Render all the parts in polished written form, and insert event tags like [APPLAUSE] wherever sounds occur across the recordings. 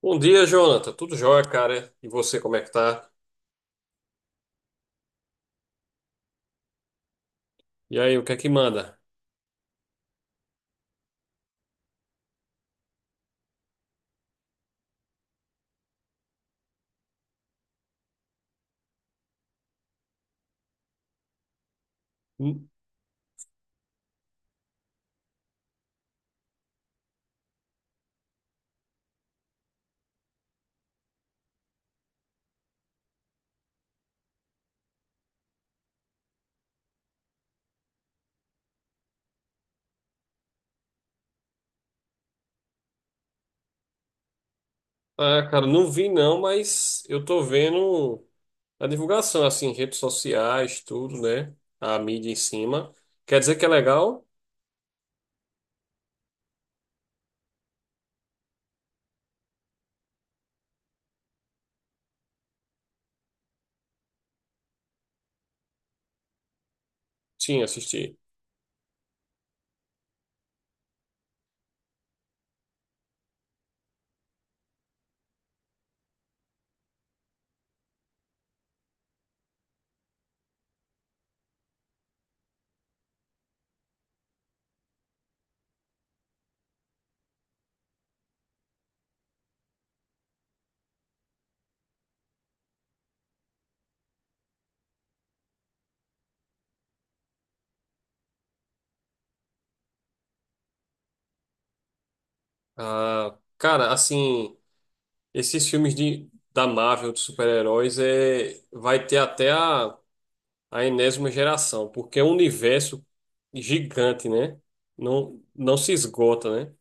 Bom dia, Jonathan. Tudo jóia, cara? E você, como é que tá? E aí, o que é que manda? Hum? Ah, cara, não vi não, mas eu tô vendo a divulgação, assim, redes sociais, tudo, né? A mídia em cima. Quer dizer que é legal? Sim, assisti. Ah, cara, assim, esses filmes da Marvel, de super-heróis, vai ter até a enésima geração, porque é um universo gigante, né? Não, não se esgota, né?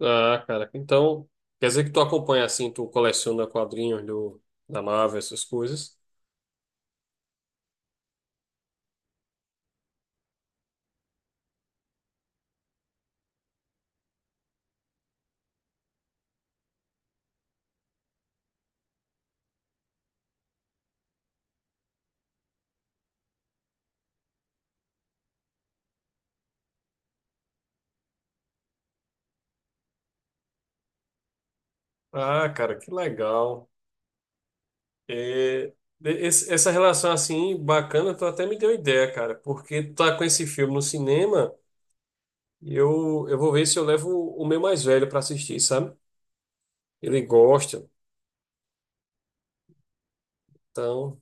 Ah, cara, então quer dizer que tu acompanha assim, tu coleciona quadrinhos da Marvel, essas coisas. Ah, cara, que legal. É, essa relação assim bacana, tu até me deu ideia, cara, porque tu tá com esse filme no cinema e eu vou ver se eu levo o meu mais velho pra assistir, sabe? Ele gosta, então.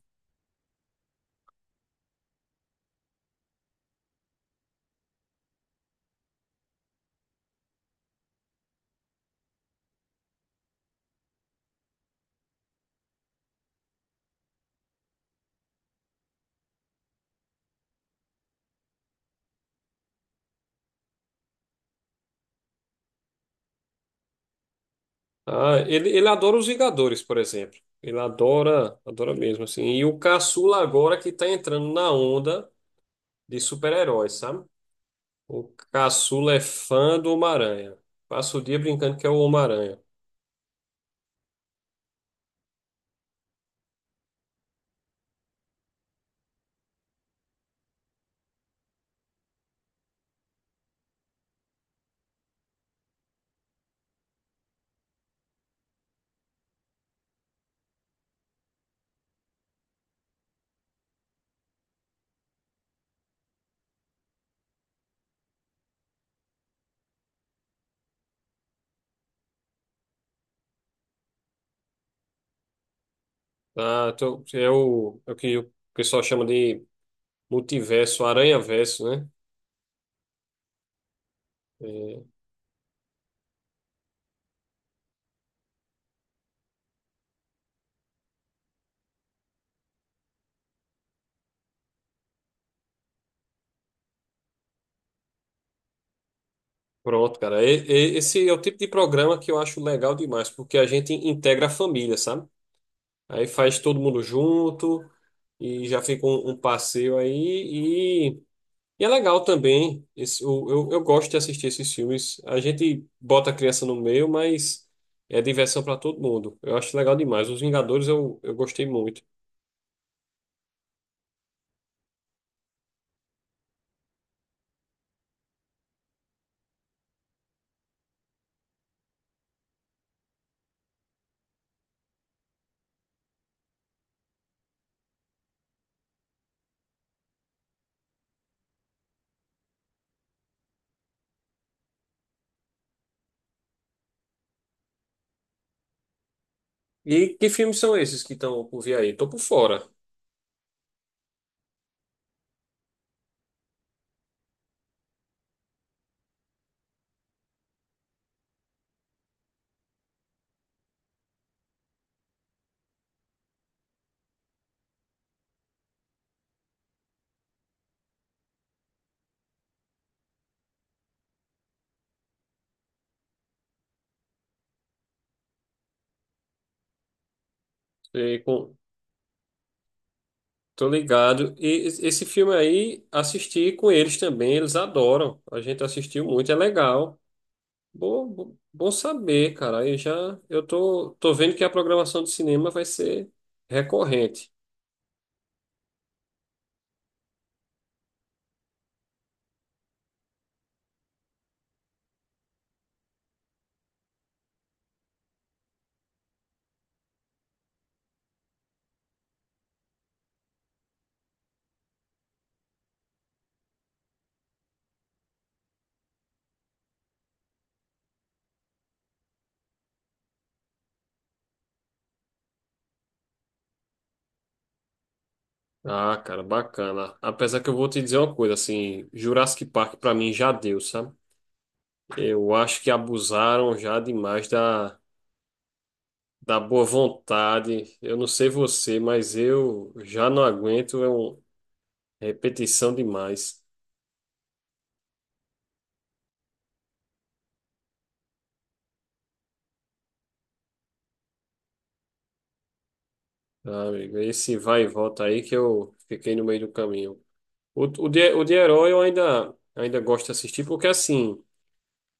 Ah, ele adora os Vingadores, por exemplo. Ele adora, adora mesmo, assim. E o caçula agora que tá entrando na onda de super-heróis, sabe? O caçula é fã do Homem-Aranha. Passa o dia brincando que é o Homem-Aranha. Ah, então é o que o pessoal chama de multiverso, aranha-verso, né? É, pronto, cara. Esse é o tipo de programa que eu acho legal demais, porque a gente integra a família, sabe? Aí faz todo mundo junto e já fica um passeio aí. E é legal também, eu gosto de assistir esses filmes. A gente bota a criança no meio, mas é diversão para todo mundo. Eu acho legal demais. Os Vingadores eu gostei muito. E que filmes são esses que estão por vir aí? Tô por fora. E com- tô ligado. E esse filme aí, assisti com eles também, eles adoram. A gente assistiu muito, é legal. Bom saber, cara. Aí já eu tô vendo que a programação de cinema vai ser recorrente. Ah, cara, bacana. Apesar que eu vou te dizer uma coisa, assim, Jurassic Park pra mim já deu, sabe? Eu acho que abusaram já demais da boa vontade. Eu não sei você, mas eu já não aguento, é uma repetição demais, tá, amigo? Esse vai e volta aí que eu fiquei no meio do caminho. O de herói eu ainda, ainda gosto de assistir, porque assim,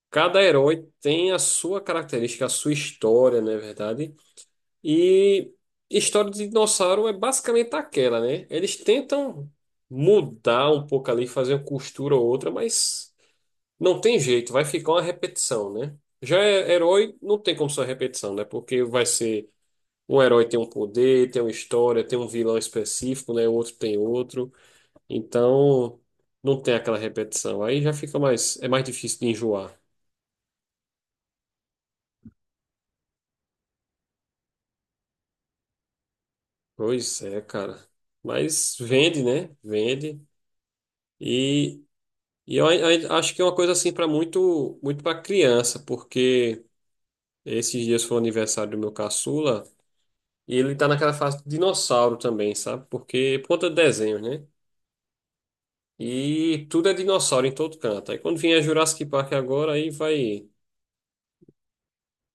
cada herói tem a sua característica, a sua história, não é verdade? E história de dinossauro é basicamente aquela, né? Eles tentam mudar um pouco ali, fazer uma costura ou outra, mas não tem jeito, vai ficar uma repetição, né? Já é herói, não tem como ser uma repetição, né? Porque vai ser um herói tem um poder, tem uma história, tem um vilão específico, né? O outro tem outro. Então, não tem aquela repetição. Aí já fica mais, é mais difícil de enjoar. Pois é, cara. Mas vende, né? Vende. e E eu, acho que é uma coisa assim para muito, muito para criança, porque esses dias foi o aniversário do meu caçula e ele tá naquela fase de dinossauro também, sabe? Porque por conta de desenhos, né? E tudo é dinossauro em todo canto. Aí quando vier Jurassic Park agora, aí vai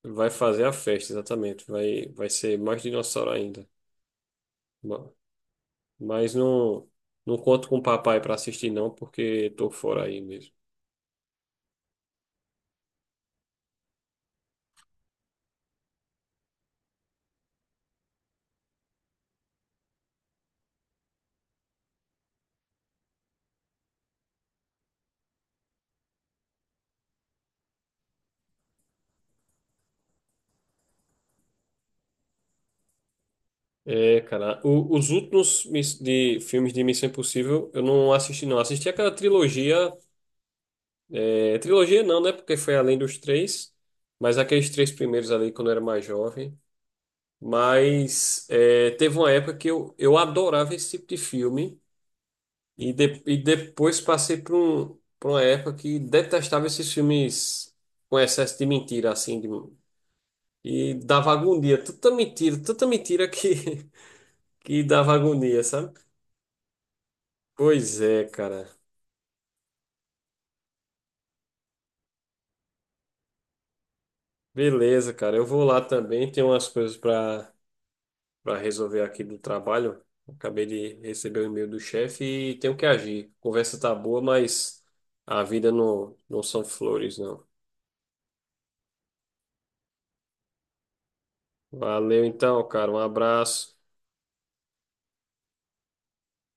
vai fazer a festa, exatamente. Vai ser mais dinossauro ainda. Ma- Mas não, não conto com o papai para assistir não, porque tô fora aí mesmo. Cara, os últimos de filmes de Missão Impossível eu não assisti, não. Assisti aquela trilogia, trilogia não, né? Porque foi além dos três, mas aqueles três primeiros ali quando eu era mais jovem. Mas teve uma época que eu adorava esse tipo de filme e, e depois passei por uma época que detestava esses filmes com excesso de mentira, assim, e dava agonia, tanta mentira que, [LAUGHS] que dava agonia, sabe? Pois é, cara. Beleza, cara. Eu vou lá também. Tem umas coisas para resolver aqui do trabalho. Acabei de receber o e-mail do chefe e tenho que agir. Conversa tá boa, mas a vida não, não são flores, não. Valeu então, cara. Um abraço.